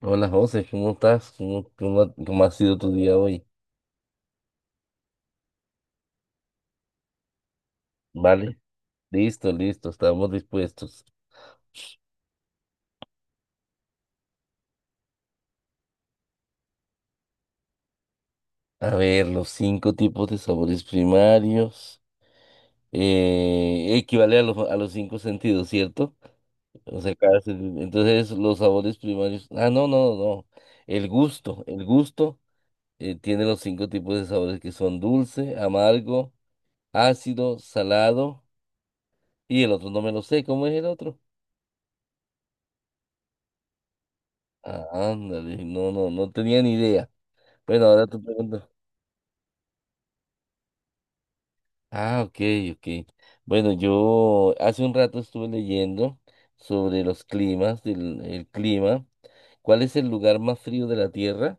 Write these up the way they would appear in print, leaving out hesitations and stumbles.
Hola José, ¿cómo estás? ¿Cómo ha sido tu día hoy? Vale, listo, listo, estamos dispuestos. A ver, los cinco tipos de sabores primarios equivale a los cinco sentidos, ¿cierto? O sea, entonces los sabores primarios. Ah, no, no, no. El gusto tiene los cinco tipos de sabores que son dulce, amargo, ácido, salado, y el otro no me lo sé. ¿Cómo es el otro? Ah, ándale, no, no, no tenía ni idea. Bueno, ahora tu pregunta. Ah, ok, ok. Bueno, yo hace un rato estuve leyendo sobre los climas, el clima. ¿Cuál es el lugar más frío de la Tierra?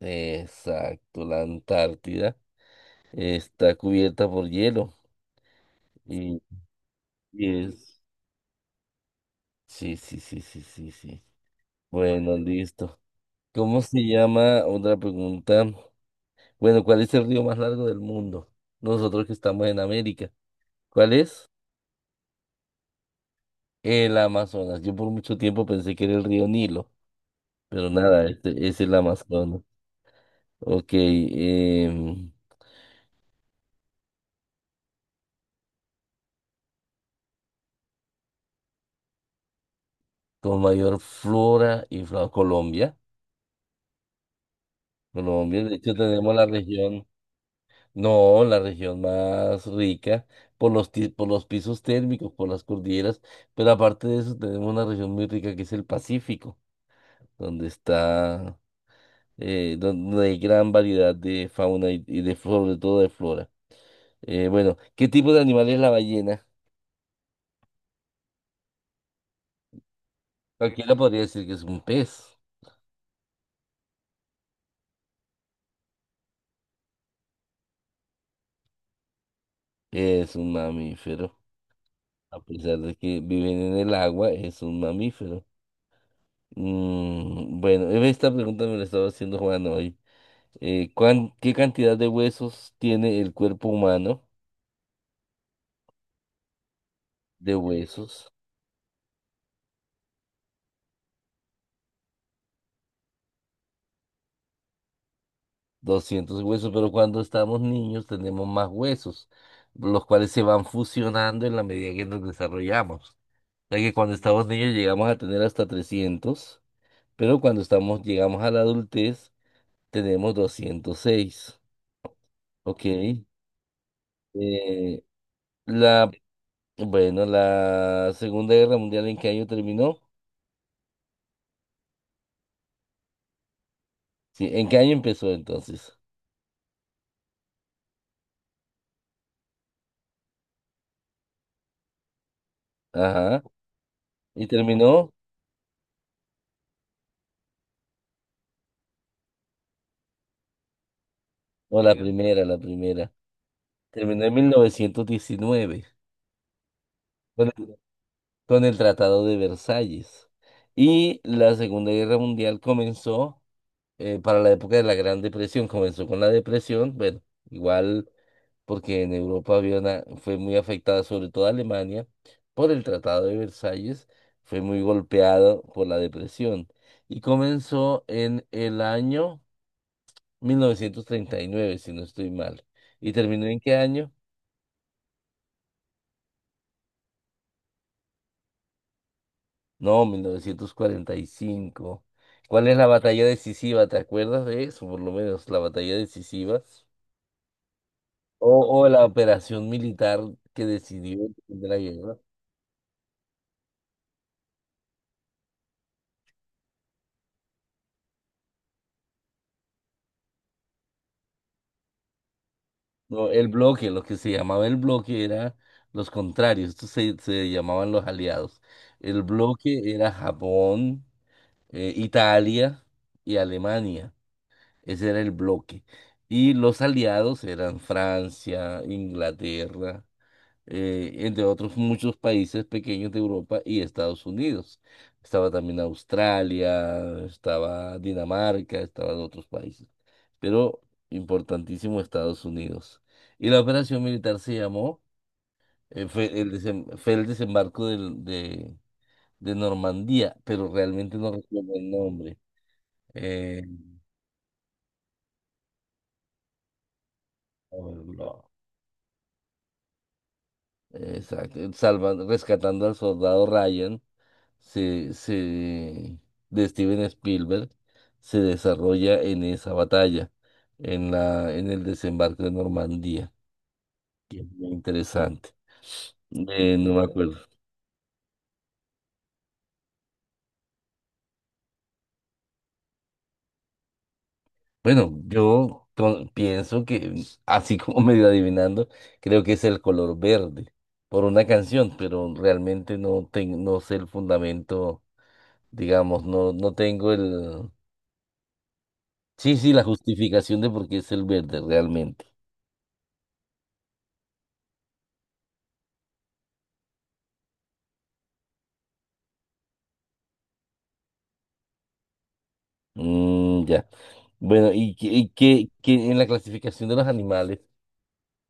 Exacto, la Antártida. Está cubierta por hielo. Y, y es... Sí, sí, sí, sí, sí, sí. Bueno, listo. ¿Cómo se llama? Otra pregunta. Bueno, ¿cuál es el río más largo del mundo? Nosotros que estamos en América. ¿Cuál es? El Amazonas. Yo por mucho tiempo pensé que era el río Nilo, pero nada, este es el Amazonas. Ok, con mayor flora y flora, Colombia. Colombia, de hecho, tenemos la región, no, la región más rica por por los pisos térmicos, por las cordilleras, pero aparte de eso, tenemos una región muy rica que es el Pacífico, donde está, donde hay gran variedad de fauna y de, sobre todo de flora. Bueno, ¿qué tipo de animal es la ballena? Cualquiera podría decir que es un pez, es un mamífero, a pesar de que viven en el agua, es un mamífero. Mm, bueno, esta pregunta me la estaba haciendo Juan hoy. ¿ qué cantidad de huesos tiene el cuerpo humano? De huesos, 200 huesos, pero cuando estamos niños tenemos más huesos, los cuales se van fusionando en la medida que nos desarrollamos. O sea que cuando estamos niños llegamos a tener hasta 300, pero cuando estamos, llegamos a la adultez, tenemos 206. Ok. La, bueno, la Segunda Guerra Mundial, ¿en qué año terminó? Sí, ¿en qué año empezó entonces? Ajá. ¿Y terminó? No, la primera, la primera. Terminó en 1919, con el, con el Tratado de Versalles. Y la Segunda Guerra Mundial comenzó para la época de la Gran Depresión, comenzó con la depresión, bueno, igual. Porque en Europa fue muy afectada, sobre todo Alemania, por el Tratado de Versalles, fue muy golpeado por la depresión y comenzó en el año 1939, si no estoy mal. ¿Y terminó en qué año? No, 1945. ¿Cuál es la batalla decisiva? ¿Te acuerdas de eso? Por lo menos la batalla decisiva o la operación militar que decidió el fin de la guerra. No, el bloque, lo que se llamaba el bloque era los contrarios, estos se llamaban los aliados. El bloque era Japón, Italia y Alemania. Ese era el bloque. Y los aliados eran Francia, Inglaterra, entre otros muchos países pequeños de Europa y Estados Unidos. Estaba también Australia, estaba Dinamarca, estaban otros países, pero importantísimo Estados Unidos. Y la operación militar se llamó, fue el desembarco de Normandía, pero realmente no recuerdo el nombre. Eh, a verlo. Exacto, rescatando al soldado Ryan, se, se- de Steven Spielberg, se desarrolla en esa batalla, en en el desembarco de Normandía, que es muy interesante. No me acuerdo. Bueno, pienso que, así como medio adivinando, creo que es el color verde por una canción, pero realmente no sé el fundamento, digamos, no, no tengo el... Sí, sí, la justificación de por qué es el verde realmente. Mm, ya. Bueno, que en la clasificación de los animales,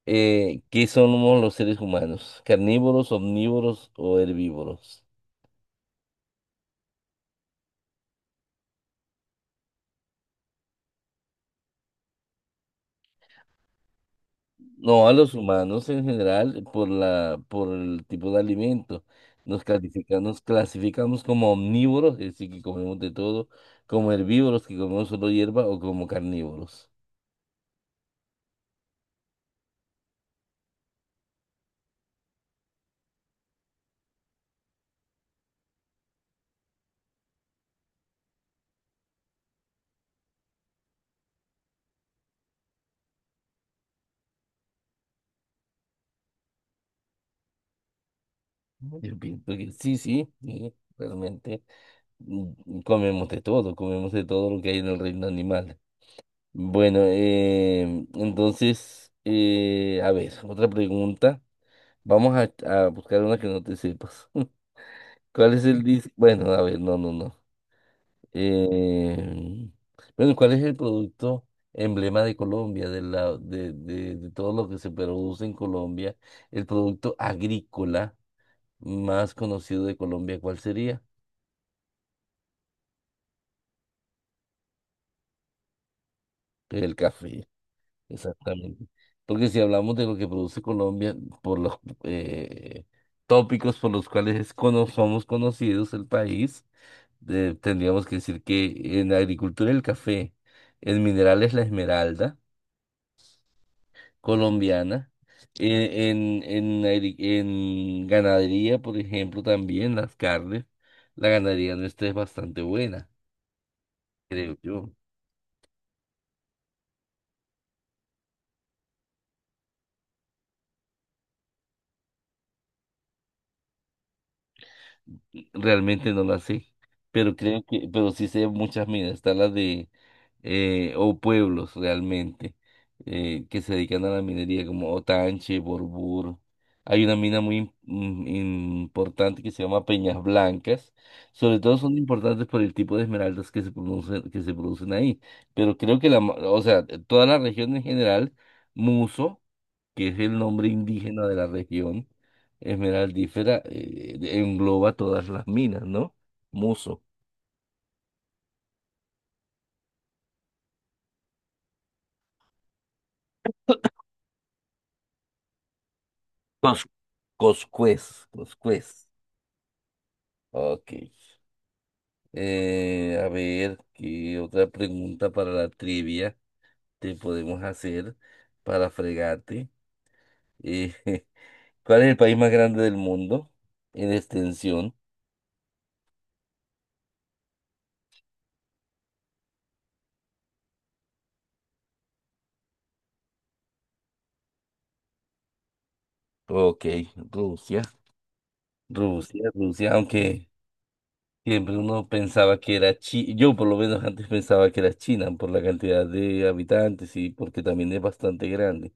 ¿qué somos los seres humanos? ¿Carnívoros, omnívoros o herbívoros? No, a los humanos en general, por por el tipo de alimento, nos clasificamos como omnívoros, es decir, que comemos de todo, como herbívoros, que comemos solo hierba, o como carnívoros. Yo pienso que sí, sí, sí, realmente mm, comemos de todo lo que hay en el reino animal. Bueno, entonces, a ver, otra pregunta. Vamos a buscar una que no te sepas. ¿Cuál es el dis- Bueno, a ver, no, no, no. Eh, bueno, ¿cuál es el producto emblema de Colombia, de, la, de todo lo que se produce en Colombia? El producto agrícola más conocido de Colombia, ¿cuál sería? El café. Exactamente. Porque si hablamos de lo que produce Colombia, por los eh, tópicos por los cuales somos conocidos el país, tendríamos que decir que en la agricultura el café, en minerales la esmeralda colombiana, en ganadería, por ejemplo, también las carnes, la ganadería nuestra es bastante buena, creo yo. Sí, realmente no la sé, pero creo que, pero sí sé muchas minas, está la de, o pueblos realmente, que se dedican a la minería, como Otanche, Borbur. Hay una mina muy importante que se llama Peñas Blancas. Sobre todo son importantes por el tipo de esmeraldas que se producen ahí. Pero creo que o sea, toda la región en general, Muso, que es el nombre indígena de la región esmeraldífera, engloba todas las minas, ¿no? Muso. Cos- Coscuez, Coscuez. Ok. A ver, ¿qué otra pregunta para la trivia te podemos hacer para fregarte? Eh, ¿cuál es el país más grande del mundo en extensión? Ok, Rusia. Rusia, Rusia, aunque siempre uno pensaba que era China, yo por lo menos antes pensaba que era China por la cantidad de habitantes y porque también es bastante grande,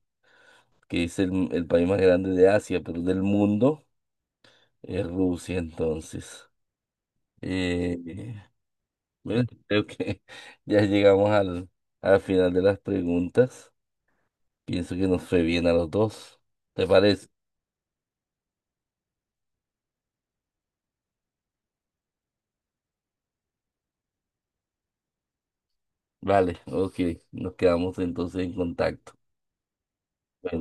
que es el país más grande de Asia, pero del mundo es Rusia entonces. Eh, eh, bueno, creo que ya llegamos al final de las preguntas. Pienso que nos fue bien a los dos. ¿Te parece? Vale, ok, nos quedamos entonces en contacto. Bueno.